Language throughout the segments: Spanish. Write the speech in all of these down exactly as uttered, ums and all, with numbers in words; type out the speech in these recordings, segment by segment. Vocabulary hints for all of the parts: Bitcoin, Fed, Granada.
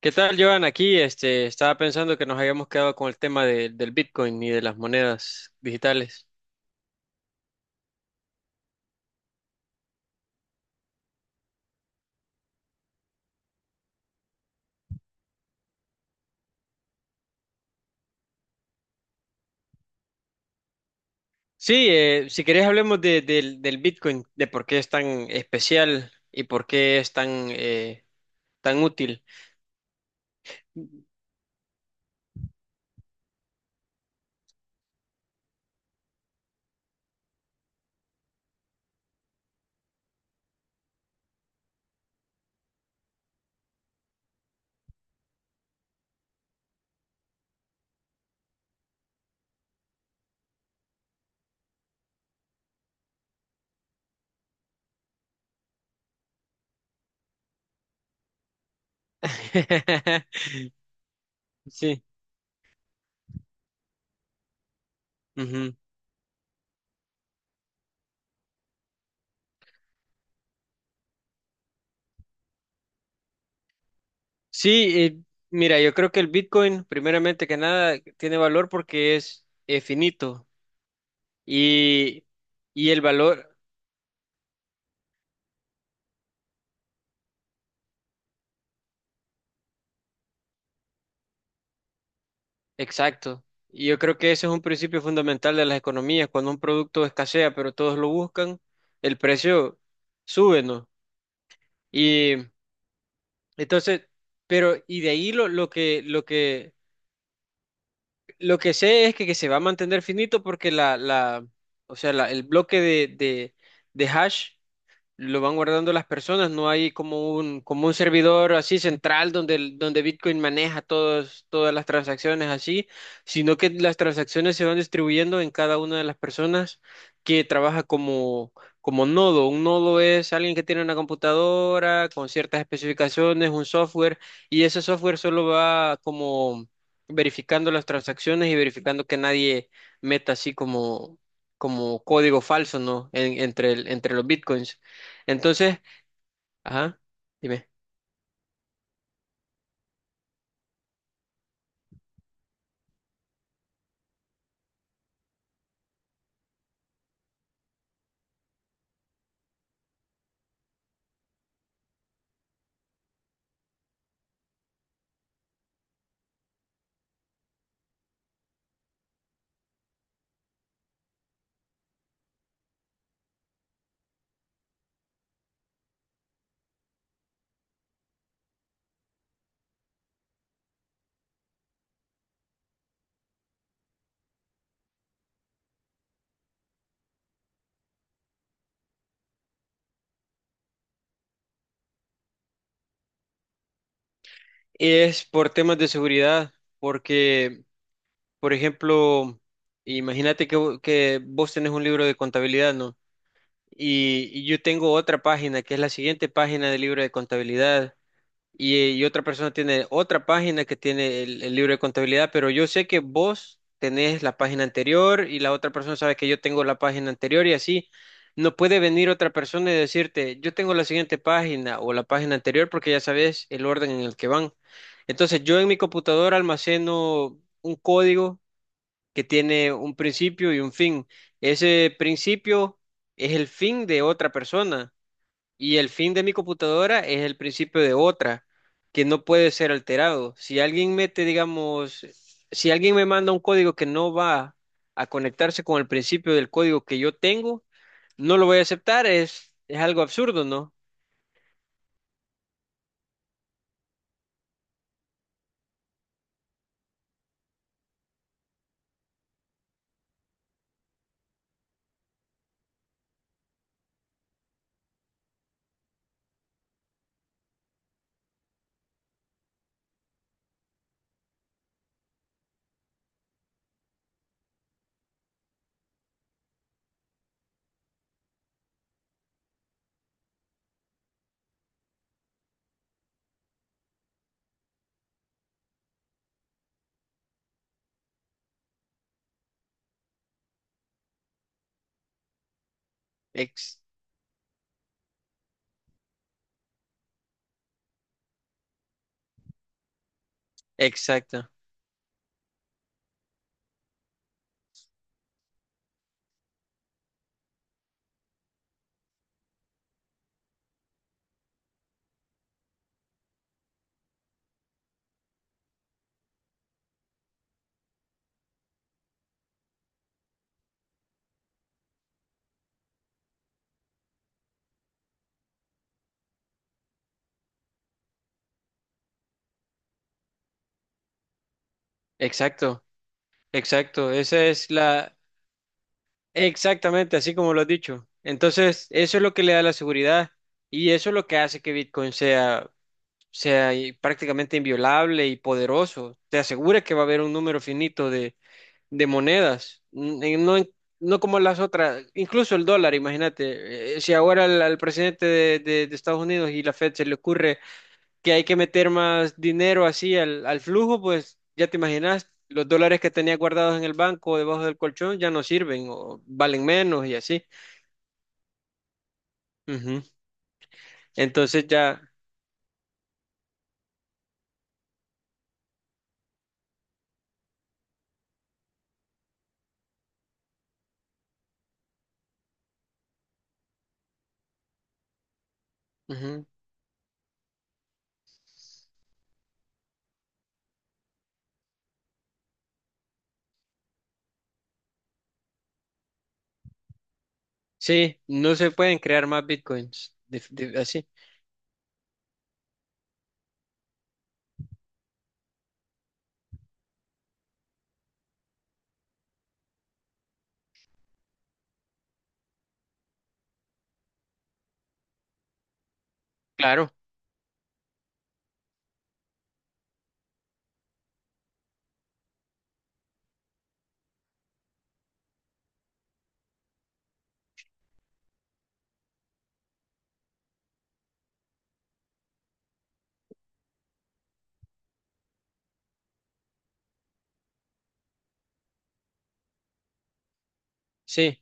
¿Qué tal, Joan? Aquí, este, estaba pensando que nos habíamos quedado con el tema de- del Bitcoin y de las monedas digitales. Sí, eh, si querés hablemos de- del del Bitcoin, de por qué es tan especial y por qué es tan, eh, tan útil. Sí. Ujú. Sí, eh, mira, yo creo que el Bitcoin, primeramente que nada, tiene valor porque es eh, finito y, y el valor exacto. Y yo creo que ese es un principio fundamental de las economías. Cuando un producto escasea, pero todos lo buscan, el precio sube, ¿no? Y entonces, pero, y de ahí lo, lo que, lo que, lo que sé es que, que se va a mantener finito porque la, la, o sea, la- el bloque de, de, de hash lo van guardando las personas, no hay como un, como un servidor así central donde, el- donde Bitcoin maneja todos, todas las transacciones así, sino que las transacciones se van distribuyendo en cada una de las personas que trabaja como, como nodo. Un nodo es alguien que tiene una computadora con ciertas especificaciones, un software, y ese software solo va como verificando las transacciones y verificando que nadie meta así como, como código falso, ¿no? En- entre, el- entre los bitcoins. Entonces, ajá, dime. Es por temas de seguridad, porque, por ejemplo, imagínate que, vo- que vos tenés un libro de contabilidad, ¿no? Y, y yo tengo otra página, que es la siguiente página del libro de contabilidad. Y, y otra persona tiene otra página que tiene el, el libro de contabilidad, pero yo sé que vos tenés la página anterior y la otra persona sabe que yo tengo la página anterior y así no puede venir otra persona y decirte, yo tengo la siguiente página o la página anterior porque ya sabes el orden en el que van. Entonces yo en mi computadora almaceno un código que tiene un principio y un fin. Ese principio es el fin de otra persona. Y el fin de mi computadora es el principio de otra, que no puede ser alterado. Si alguien mete, digamos, si alguien me manda un código que no va a conectarse con el principio del código que yo tengo, no lo voy a aceptar. Es, es algo absurdo, ¿no? Ex- exacto, exacto, exacto. Esa es la, exactamente así como lo has dicho. Entonces, eso es lo que le da la seguridad y eso es lo que hace que Bitcoin sea sea y prácticamente inviolable y poderoso. Te asegura que va a haber un número finito de, de monedas, N- eh, no, en- no como las otras, incluso el dólar, imagínate, eh, si ahora al, al presidente de, de- de Estados Unidos y la Fed se le ocurre que hay que meter más dinero así al, al flujo, pues ya te imaginas. Los dólares que tenía guardados en el banco o debajo del colchón ya no sirven o valen menos y así. Ujú. Entonces ya, ujú. Sí, no se pueden crear más bitcoins de- de- así. Claro, sí.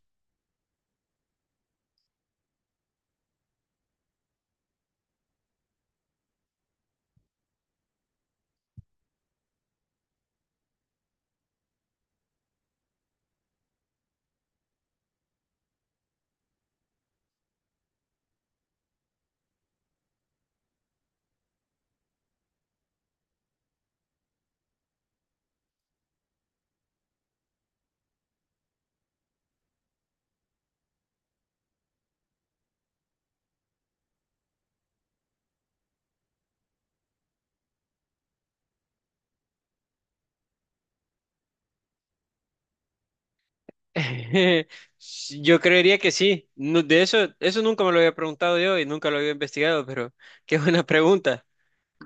Sí, yo creería que sí. No, de eso, eso nunca me lo había preguntado yo y nunca lo había investigado, pero qué buena pregunta.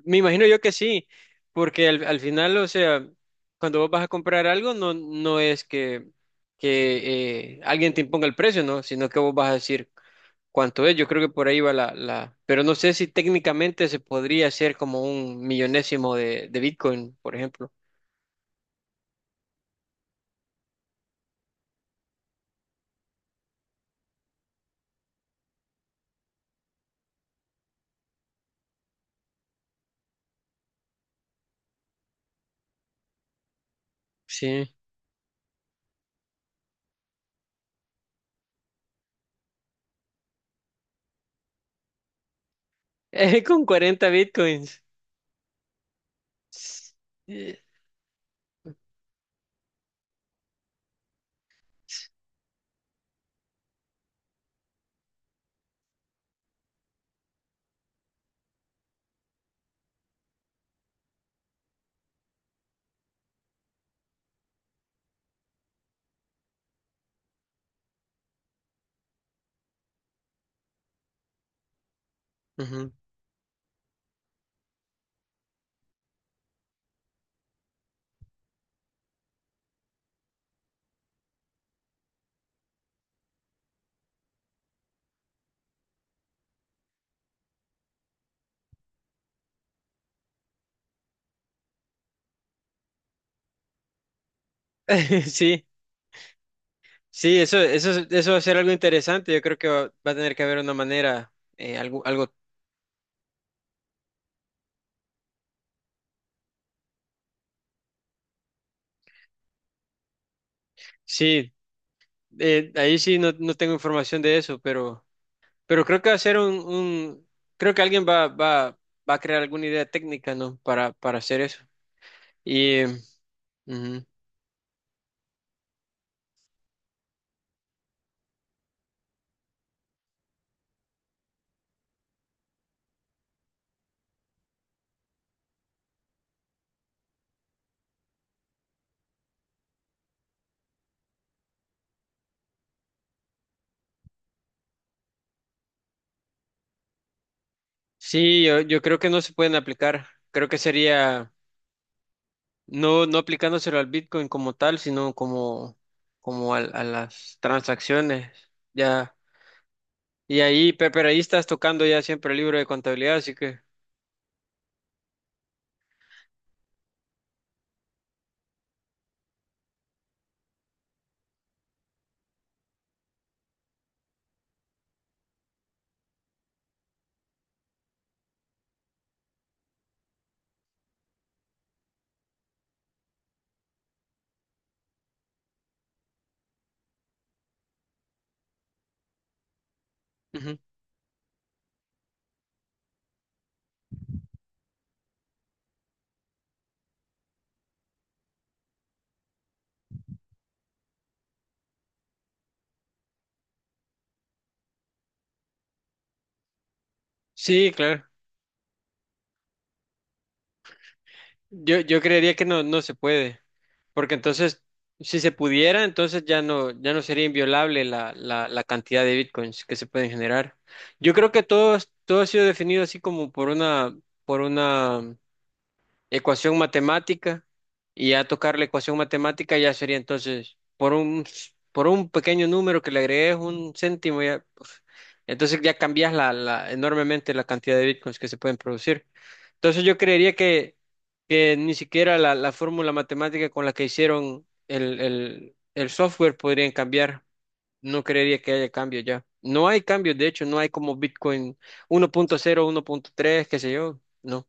Me imagino yo que sí, porque al, al final, o sea, cuando vos vas a comprar algo, no, no es que, que eh, alguien te imponga el precio, ¿no? Sino que vos vas a decir cuánto es. Yo creo que por ahí va la, la... Pero no sé si técnicamente se podría hacer como un millonésimo de, de Bitcoin, por ejemplo. Sí. Con cuarenta Bitcoins. Sí, ujú. Sí, sí, eso, eso, es- eso va a ser algo interesante. Yo creo que va, va a tener que haber una manera, eh, algo, algo. Sí, eh, ahí sí no, no tengo información de eso, pero, pero creo que va a ser un, un- creo que alguien va, va, va a crear alguna idea técnica, ¿no? Para, para hacer eso. Y ujú. Sí, yo, yo creo que no se pueden aplicar. Creo que sería no, no aplicándoselo al Bitcoin como tal, sino como, como al- a las transacciones. Ya. Y ahí, pe- pero ahí estás tocando ya siempre el libro de contabilidad, así que. Ujú. Sí, claro. Yo, yo creería que no, no se puede. Porque entonces, si se pudiera, entonces ya no, ya no sería inviolable la, la, la cantidad de bitcoins que se pueden generar. Yo creo que todo, todo ha sido definido así como por una, por una ecuación matemática y a tocar la ecuación matemática ya sería entonces por un, por un pequeño número que le agregues un céntimo ya, uf, entonces ya cambias la, la- enormemente la cantidad de bitcoins que se pueden producir. Entonces yo creería que, que ni siquiera la, la fórmula matemática con la que hicieron el, el, el software podrían cambiar. No creería que haya cambio ya. No hay cambios, de hecho, no hay como Bitcoin uno uno punto cero uno punto tres qué sé yo. No,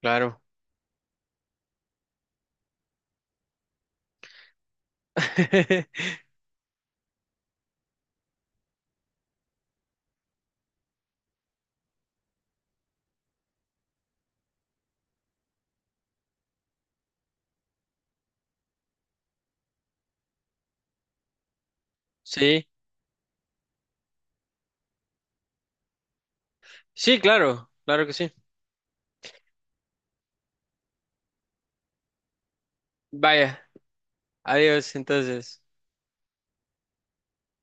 claro. Sí, sí, claro, claro que sí. Vaya, adiós entonces.